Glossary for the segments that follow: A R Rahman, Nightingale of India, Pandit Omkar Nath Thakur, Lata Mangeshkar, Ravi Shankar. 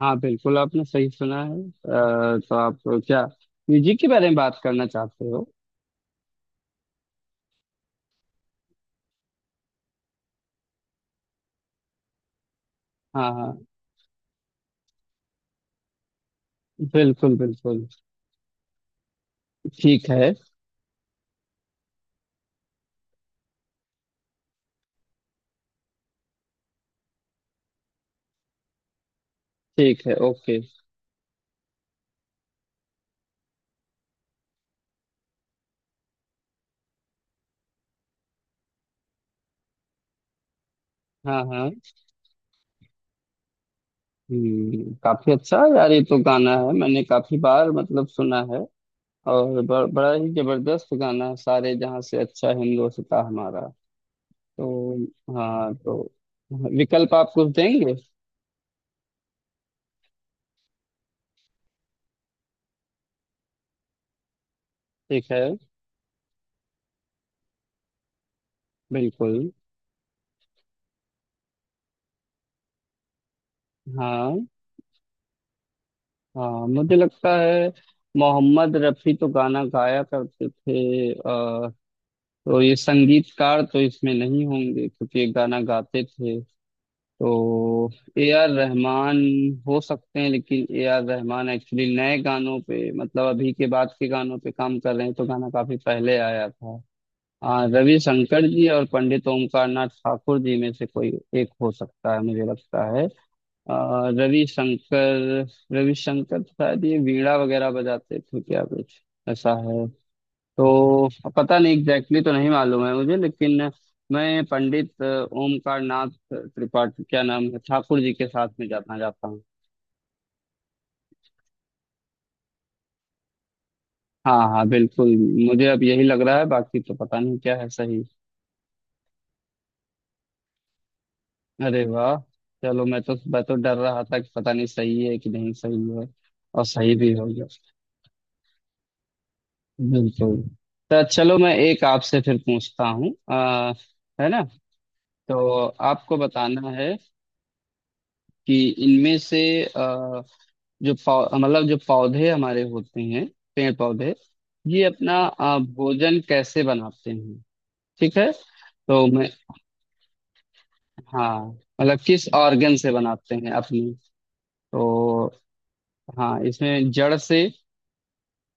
हाँ, बिल्कुल आपने सही सुना है। तो आप क्या म्यूजिक के बारे में बात करना चाहते हो? हाँ हाँ, बिल्कुल बिल्कुल। ठीक है। ठीक है, ओके। हाँ हाँ। काफी अच्छा यार, ये तो गाना है, मैंने काफी बार मतलब सुना है। और बड़ा ही जबरदस्त गाना है, सारे जहाँ से अच्छा हिंदोस्तां हमारा। तो। हाँ तो विकल्प आप कुछ देंगे? ठीक है। बिल्कुल। हाँ हाँ, मुझे लगता है मोहम्मद रफी तो गाना गाया करते थे, तो ये संगीतकार तो इसमें नहीं होंगे क्योंकि ये गाना गाते थे। तो ए आर रहमान हो सकते हैं, लेकिन ए आर रहमान एक्चुअली नए गानों पे, मतलब अभी के बाद के गानों पे काम कर रहे हैं, तो गाना काफी पहले आया था। रविशंकर जी और पंडित ओमकार नाथ ठाकुर जी में से कोई एक हो सकता है, मुझे लगता है। रविशंकर रविशंकर शायद ये वीणा वगैरह बजाते थे, क्या कुछ ऐसा है। तो पता नहीं, एग्जैक्टली तो नहीं मालूम है मुझे, लेकिन मैं पंडित ओमकार नाथ त्रिपाठी, क्या नाम है, ठाकुर जी के साथ में जाना जाता हूँ। हाँ हाँ बिल्कुल, मुझे अब यही लग रहा है, बाकी तो पता नहीं क्या है सही। अरे वाह! चलो, मैं तो डर रहा था कि पता नहीं सही है कि नहीं सही है। और सही भी हो गया, बिल्कुल। तो चलो, मैं एक आपसे फिर पूछता हूँ। है ना, तो आपको बताना है कि इनमें से अ, जो पौ मतलब जो पौधे हमारे होते हैं, पेड़ पौधे, ये अपना भोजन कैसे बनाते हैं? ठीक है। तो मैं, हाँ, मतलब किस ऑर्गन से बनाते हैं अपनी, तो हाँ, इसमें जड़ से,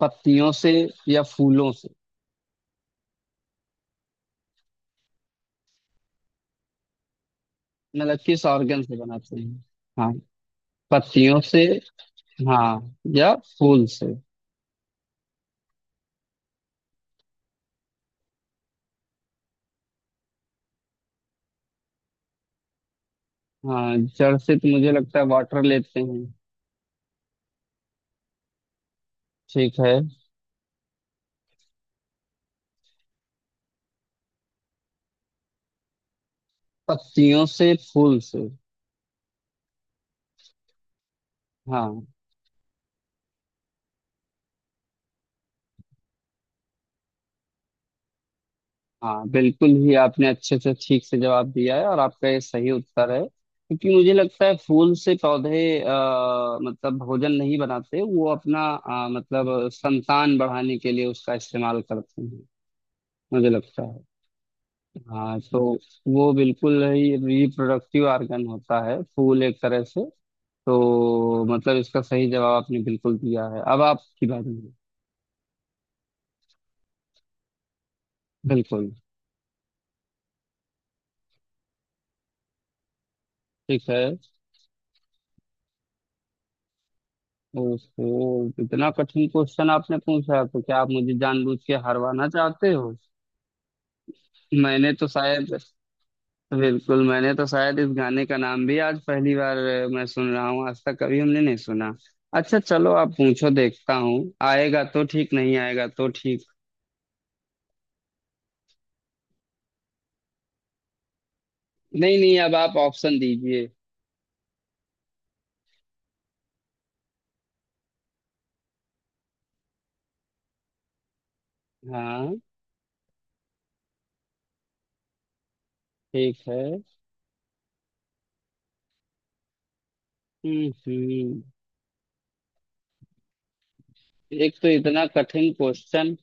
पत्तियों से या फूलों से, मतलब किस ऑर्गन से बनाते हैं। हाँ, पत्तियों से। हाँ, या फूल से। हाँ, जड़ से तो मुझे लगता है वाटर लेते हैं। ठीक है। पत्तियों से, फूल से। हाँ हाँ, बिल्कुल ही आपने अच्छे से, ठीक से जवाब दिया है, और आपका ये सही उत्तर है, क्योंकि मुझे लगता है फूल से पौधे मतलब भोजन नहीं बनाते, वो अपना मतलब संतान बढ़ाने के लिए उसका इस्तेमाल करते हैं, मुझे लगता है। हाँ तो वो बिल्कुल ही रिप्रोडक्टिव ऑर्गन होता है फूल, एक तरह से। तो मतलब इसका सही जवाब आपने बिल्कुल दिया है, अब आपकी बारी है। बिल्कुल। ठीक है। ओहो, इतना कठिन क्वेश्चन आपने पूछा है, तो क्या आप मुझे जानबूझ के हरवाना चाहते हो? मैंने तो शायद, बिल्कुल, मैंने तो शायद इस गाने का नाम भी आज पहली बार मैं सुन रहा हूँ, आज तक कभी हमने नहीं सुना। अच्छा चलो आप पूछो, देखता हूँ, आएगा तो ठीक, नहीं आएगा तो ठीक। नहीं नहीं, अब आप ऑप्शन दीजिए। हाँ। ठीक है। हम्म। एक तो इतना कठिन क्वेश्चन,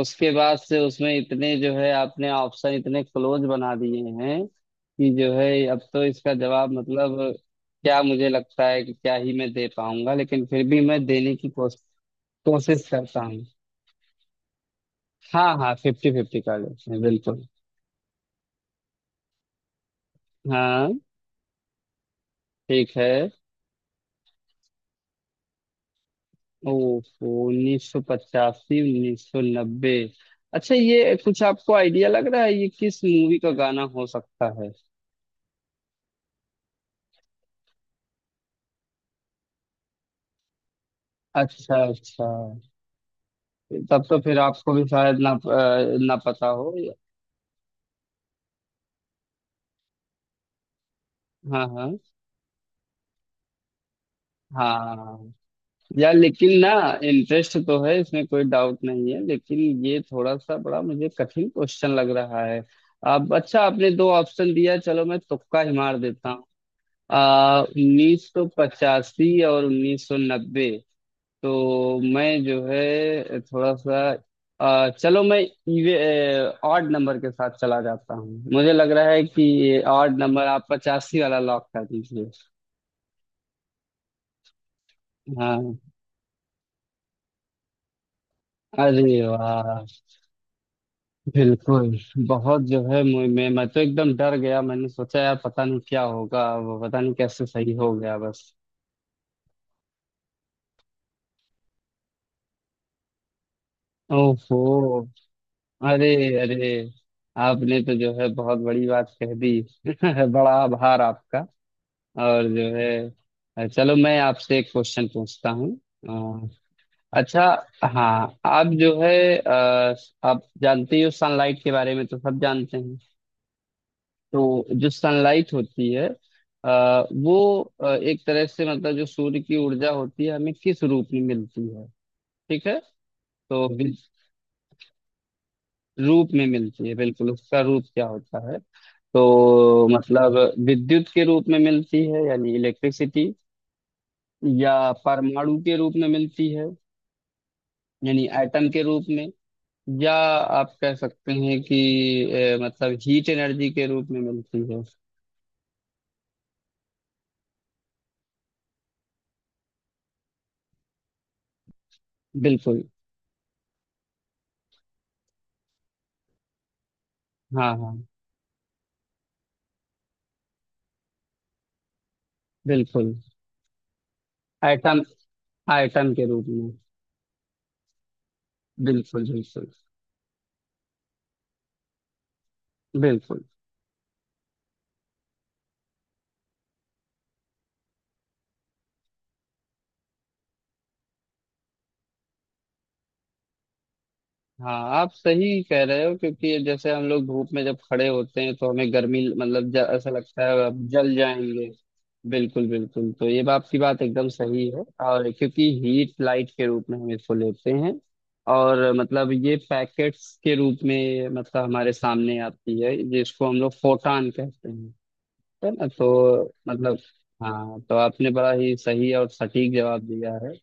उसके बाद से उसमें इतने जो है आपने ऑप्शन इतने क्लोज बना दिए हैं कि जो है अब तो इसका जवाब, मतलब, क्या मुझे लगता है कि क्या ही मैं दे पाऊंगा, लेकिन फिर भी मैं देने की कोशिश करता हूँ। हाँ हाँ, फिफ्टी फिफ्टी कर लेते हैं, बिल्कुल। हाँ। ठीक है। ओहो, 1985, 1990। अच्छा, ये कुछ आपको आइडिया लग रहा है, ये किस मूवी का गाना हो सकता है? अच्छा अच्छा। तब तो फिर आपको भी शायद ना, ना पता हो। हाँ हाँ हाँ। यार लेकिन ना, इंटरेस्ट तो है, इसमें कोई डाउट नहीं है, लेकिन ये थोड़ा सा बड़ा मुझे कठिन क्वेश्चन लग रहा है। अब अच्छा, आपने दो ऑप्शन दिया, चलो मैं तुक्का ही मार देता हूँ। आ 1985 और 1990। तो मैं जो है थोड़ा सा, चलो मैं इवे ऑड नंबर के साथ चला जाता हूँ, मुझे लग रहा है कि ये ऑड नंबर, आप 85 वाला लॉक कर दीजिए। हाँ। अरे वाह, बिल्कुल। बहुत जो है मुझ में, मैं तो एकदम डर गया, मैंने सोचा यार पता नहीं क्या होगा, वो पता नहीं कैसे सही हो गया बस। ओहो। अरे, अरे, आपने तो जो है बहुत बड़ी बात कह दी। बड़ा आभार आपका। और जो है चलो मैं आपसे एक क्वेश्चन पूछता हूँ। अ, अच्छा। हाँ, आप जो है अ, आप जानते ही हो, सनलाइट के बारे में तो सब जानते हैं। तो जो सनलाइट होती है, वो एक तरह से मतलब जो सूर्य की ऊर्जा होती है, हमें किस रूप में मिलती है? ठीक है। तो रूप में मिलती है, बिल्कुल, उसका रूप क्या होता है? तो मतलब विद्युत के रूप में मिलती है, यानी इलेक्ट्रिसिटी, या परमाणु के रूप में मिलती है, यानी एटम के रूप में, या आप कह सकते हैं कि मतलब हीट एनर्जी के रूप में मिलती है। बिल्कुल। हाँ हाँ, बिल्कुल। एटम एटम के रूप में। बिल्कुल बिल्कुल बिल्कुल। हाँ आप सही कह रहे हो, क्योंकि जैसे हम लोग धूप में जब खड़े होते हैं तो हमें गर्मी, मतलब ऐसा लगता है अब जल जाएंगे। बिल्कुल बिल्कुल, तो ये बात की बात एकदम सही है, और क्योंकि हीट लाइट के रूप में हम इसको लेते हैं, और मतलब ये पैकेट्स के रूप में मतलब हमारे सामने आती है, जिसको हम लोग फोटान कहते हैं, है ना, तो मतलब। हाँ तो आपने बड़ा ही सही और सटीक जवाब दिया है।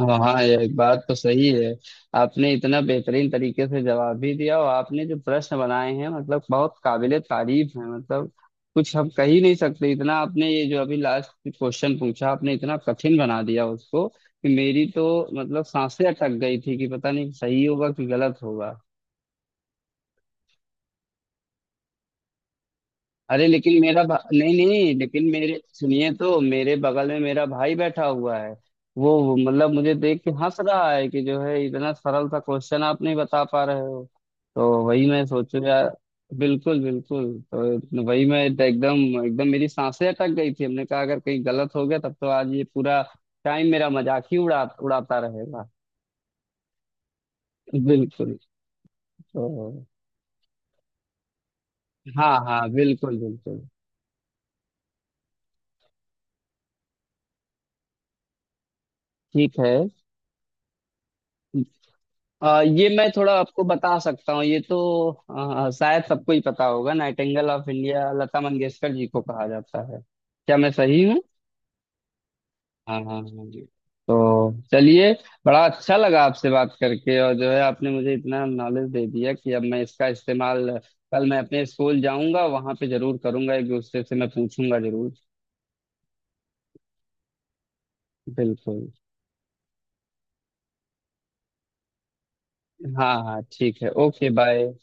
हाँ हाँ, ये एक बात तो सही है। आपने इतना बेहतरीन तरीके से जवाब भी दिया, और आपने जो प्रश्न बनाए हैं, मतलब बहुत काबिले तारीफ है, मतलब कुछ हम कह ही नहीं सकते। इतना आपने ये जो अभी लास्ट क्वेश्चन पूछा, आपने इतना कठिन बना दिया उसको, कि मेरी तो मतलब सांसें अटक गई थी कि पता नहीं सही होगा कि गलत होगा। अरे लेकिन नहीं नहीं, लेकिन मेरे सुनिए, तो मेरे बगल में मेरा भाई बैठा हुआ है। वो मतलब मुझे देख के हंस रहा है, कि जो है इतना सरल सा क्वेश्चन आप नहीं बता पा रहे हो, तो वही मैं सोचू यार। बिल्कुल बिल्कुल, तो वही मैं तो एकदम एकदम मेरी सांसें अटक गई थी, हमने कहा अगर कहीं गलत हो गया तब तो आज ये पूरा टाइम मेरा मजाक ही उड़ा उड़ाता रहेगा। बिल्कुल। तो हाँ हाँ, बिल्कुल बिल्कुल। ठीक है। ये मैं थोड़ा आपको बता सकता हूँ, ये तो शायद सबको ही पता होगा, nightingale of India Lata Mangeshkar ji को कहा जाता है। क्या मैं सही हूँ? हाँ हाँ हाँ जी। तो चलिए, बड़ा अच्छा लगा आपसे बात करके, और जो है आपने मुझे इतना नॉलेज दे दिया कि अब मैं इसका इस्तेमाल, कल मैं अपने स्कूल जाऊंगा वहां पे जरूर करूंगा, एक दूसरे से मैं पूछूंगा जरूर। बिल्कुल। हाँ हाँ ठीक है, ओके बाय।